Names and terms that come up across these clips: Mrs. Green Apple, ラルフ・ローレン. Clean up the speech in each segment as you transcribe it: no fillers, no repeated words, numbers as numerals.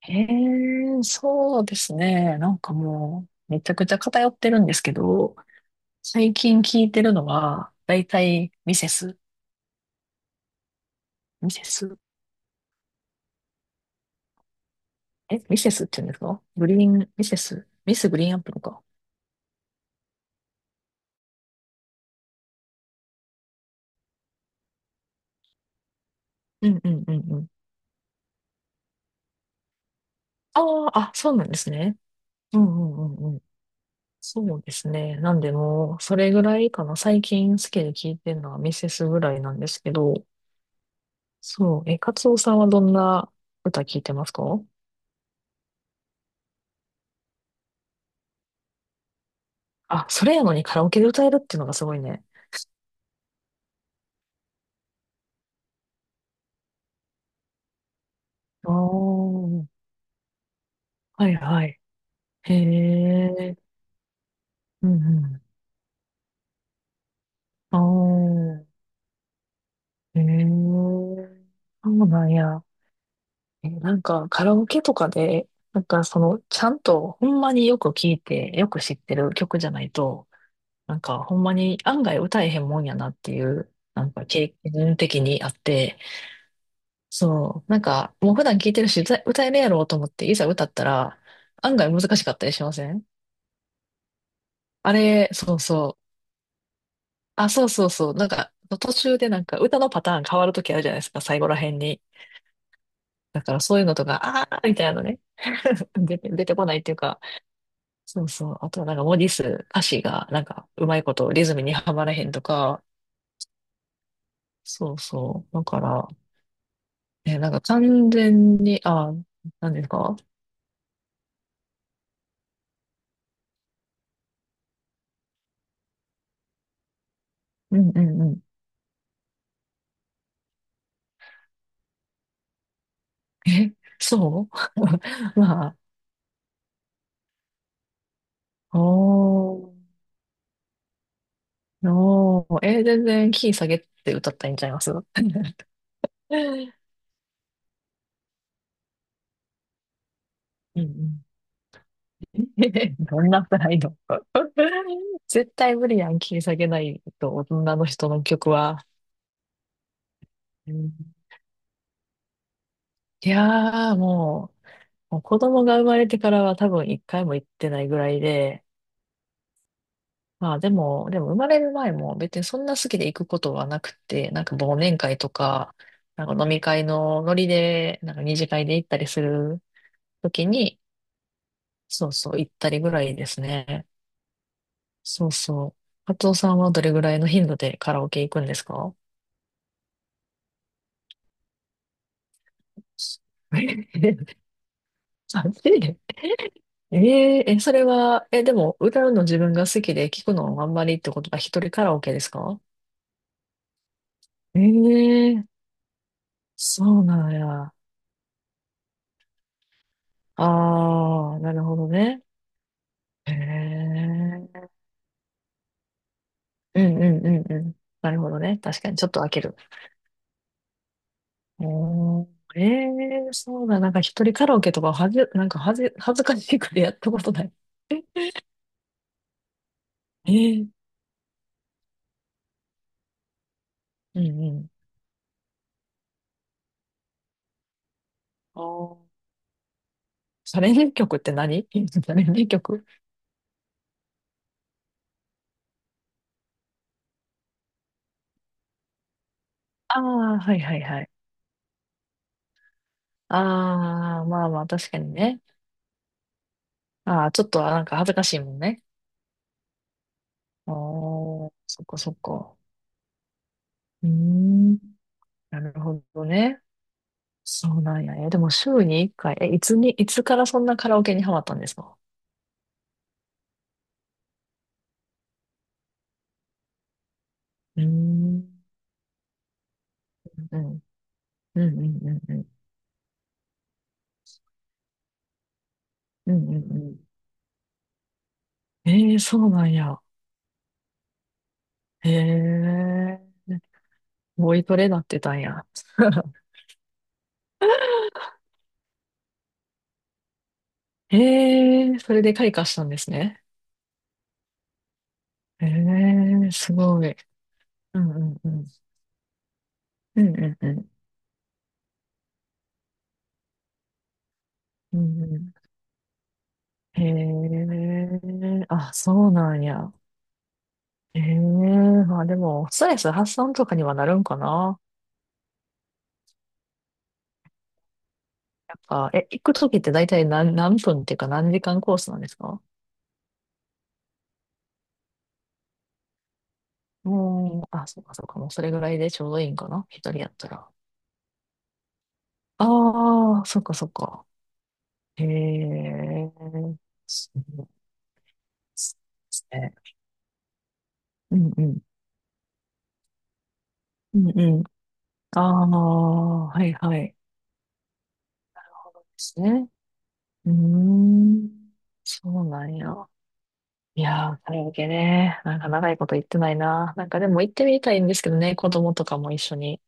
へえ、そうですね。なんかもう、めちゃくちゃ偏ってるんですけど、最近聞いてるのは、だいたいミセス、ミセス、え、ミセスって言うんですかグリーン、ミセス、ミスグリーンアップルか。うんうんうんうん。あそうなんですね。うんうんうんうん。そうですね。なんでもう、それぐらいかな。最近好きで聞いてるのはミセスぐらいなんですけど、そう、え、カツオさんはどんな歌聞いてますか？あ、それやのにカラオケで歌えるっていうのがすごいね。ああ、はいはい。へえ、うんうん。ああ、へえ、そうなんや。え、なんかカラオケとかで、なんかその、ちゃんとほんまによく聞いて、よく知ってる曲じゃないと、なんかほんまに案外歌えへんもんやなっていう、なんか経験的にあって、そう、なんかもう普段聞いてるし、歌歌えるやろうと思って、いざ歌ったら、案外難しかったりしません？あれ、そうそう。そうそうそう。なんか、途中でなんか歌のパターン変わるときあるじゃないですか、最後ら辺に。だからそういうのとか、あーみたいなのね。出てこないっていうか、そうそう。あとはなんか文字数、歌詞がなんかうまいことリズムにはまらへんとか、そうそう。だから、え、なんか完全に、あ、なんですか？うんうんうん。え、そう。 まあ、おー、おー、え、全然キー下げて歌ったらいいんちゃいます？ うんうん。 どんなプライド？ 絶対無理やん、切り下げないと、女の人の曲は。うん、いやー、もう子供が生まれてからは多分一回も行ってないぐらいで、まあでも、生まれる前も別にそんな好きで行くことはなくて、なんか忘年会とか、なんか飲み会のノリで、なんか二次会で行ったりする時に、そうそう、行ったりぐらいですね。そうそう。カツオさんはどれぐらいの頻度でカラオケ行くんですか？ 3で。えーえ、それは、え、でも、歌うの自分が好きで聞くのあんまりってことは一人カラオケですか？ええー、そうなんや。ああ、なるほどね。へえ、うんうんうんうん。なるほどね。確かに、ちょっと開ける。おー、ええー、そうだ。なんか一人カラオケとかはじ、なんかはじ、恥ずかしいくらいやったことない。ええ、うんうん。ああ、チャレンジ曲って何？ チャレンジ曲？ああー、はいはいはい。ああ、まあまあ、確かにね。ああ、ちょっとなんか恥ずかしいもんね。ああ、そっかそっか。うーん、なるほどね。そうなんや。え、でも週に1回、え、いつに、いつからそんなカラオケにハマったんですか？うーん、うん、うん、うん、うん、うん、うん、うんうん。えー、そうなんや。へえ、ボイトレなってたんや。へえ、それで開花したんですね。へえ、すごい。うん、うん、うん。うん、うん、うん。うんうん、へえ、あ、そうなんや。へえ、まあでも、ストレス発散とかにはなるんかな。なんか、え、行くときって大体何、何分っていうか何時間コースなんですか？もう、あ、そうか、もうそれぐらいでちょうどいいんかな。一人やったら。ああ、そっか。へえ、そうですね。うんうん。うんうん。ああ、はいはい。ですね。うーん。そうなんや。いやー、カラオケね。なんか長いこと行ってないな。なんかでも行ってみたいんですけどね、子供とかも一緒に。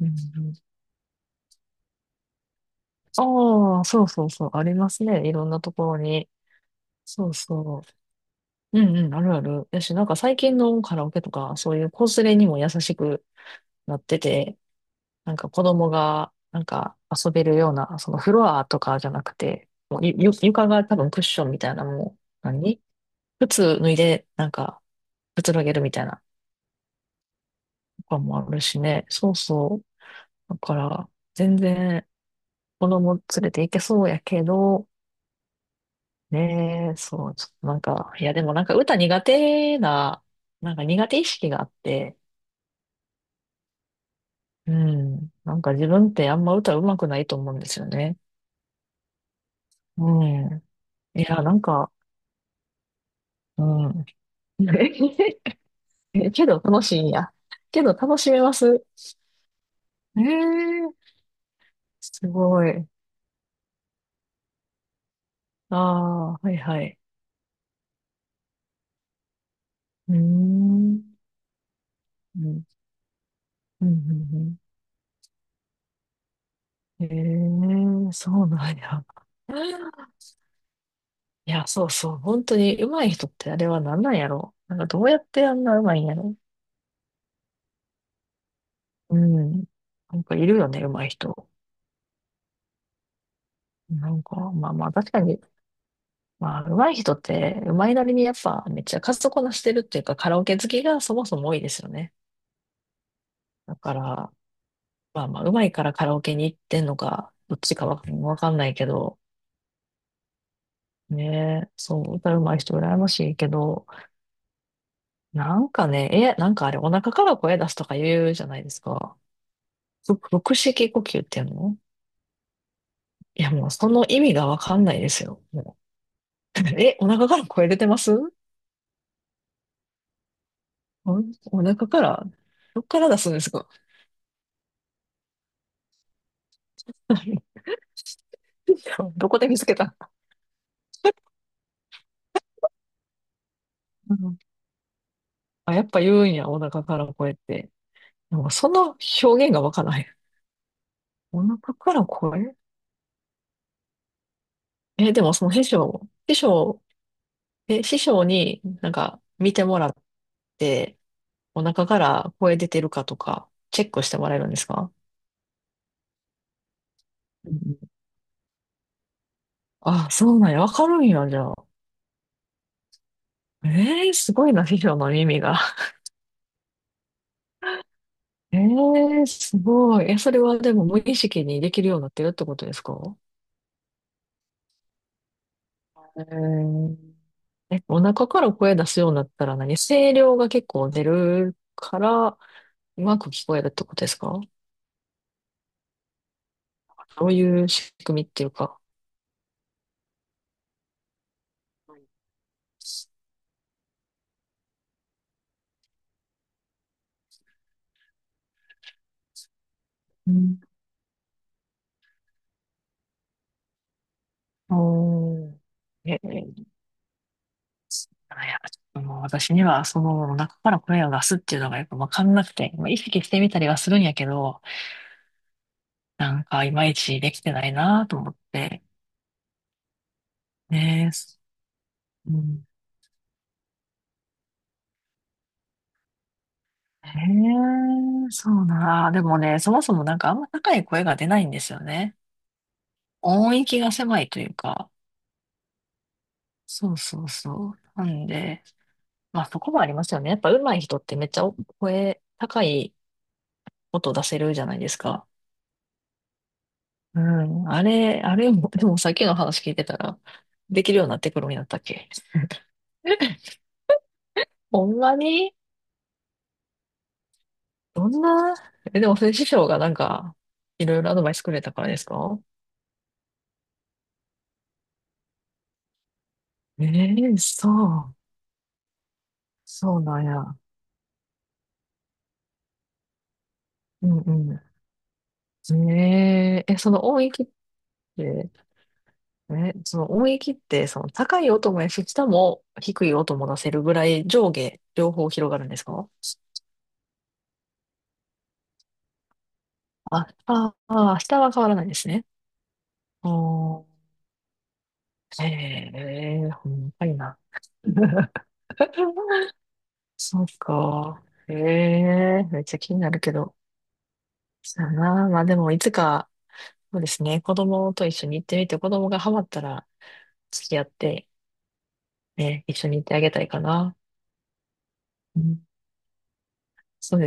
うんうん、ああ、そうそうそう、ありますね。いろんなところに。そうそう。うんうん、あるある。やし、なんか最近のカラオケとか、そういう子連れにも優しくなってて、なんか子供が、なんか遊べるような、そのフロアとかじゃなくて、もう床が多分クッションみたいなもう、何、靴脱いで、なんか、くつろげるみたいなとかもあるしね。そうそう。だから、全然子供連れて行けそうやけど、ねえ、そう、ちょっとなんか、いやでもなんか歌苦手な、なんか苦手意識があって、うん、なんか自分ってあんま歌上手くないと思うんですよね。うん。いや、なんか、うん。えけど楽しいんや。けど楽しめます。ええ、すごい。ああ、はいはい。うーん。うん、うん、うん。うん、ええ、そうなんや。いや、そうそう。本当に上手い人ってあれは何なんやろ。なんかどうやってあんな上手いんやろ。うん。なんかいるよね、上手い人。なんか、まあまあ確かに、まあ上手い人って上手いなりにやっぱめっちゃ数こなしてるっていうかカラオケ好きがそもそも多いですよね。だから、まあまあ上手いからカラオケに行ってんのか、どっちかわかんないけど、ねえ、そう、歌うまい人羨ましいけど、なんかね、え、なんかあれ、お腹から声出すとか言うじゃないですか。ふ腹式呼吸っていうの、いや、もうその意味がわかんないですよ。もう。 え、お腹から声出てます？お、お腹から、どっから出すんですか？ どこで見つけた、うん、あ、やっぱ言うんや、お腹から声って。でもその表現がわからない。お腹から声、え、でも師匠、え、師匠になんか見てもらって、お腹から声出てるかとか、チェックしてもらえるんですか？うんうん、あ、そうなんや。わかるんや、じゃあ。ええ、すごいな、秘書の耳が。ええ、すごい。え、それはでも無意識にできるようになってるってことですか？えー、え、お腹から声出すようになったら何声量が結構出るから、うまく聞こえるってことですか？どういう仕組みっていうか。うん。おー。え、あ、いや、ちょっともう私にはその中から声を出すっていうのがやっぱわかんなくて、まあ、意識してみたりはするんやけど、なんかいまいちできてないなと思って。ねえ、す、うん。へえ、そうな。あでもね、そもそもなんかあんま高い声が出ないんですよね。音域が狭いというか。そうそうそう。なんで、まあそこもありますよね。やっぱ上手い人ってめっちゃお声、高い音出せるじゃないですか。うん。あれ、あれも、でもさっきの話聞いてたら、できるようになってくるんやったっけ？ ほんまに、どんな、え、でも、それ師匠がなんか、いろいろアドバイスくれたからですか？ええ、そう。そうなんや。うんうん。えええ、て、その音域って、その高い音もやし、下も低い音も出せるぐらい上下、両方広がるんですか？下は変わらないですね。あー、ええ、ほんまにな。そうか。ええめっちゃ気になるけど。そうやな。まあでも、いつか、そうですね、子供と一緒に行ってみて、子供がハマったら付き合って、ね、一緒に行ってあげたいかな。うん、そうです。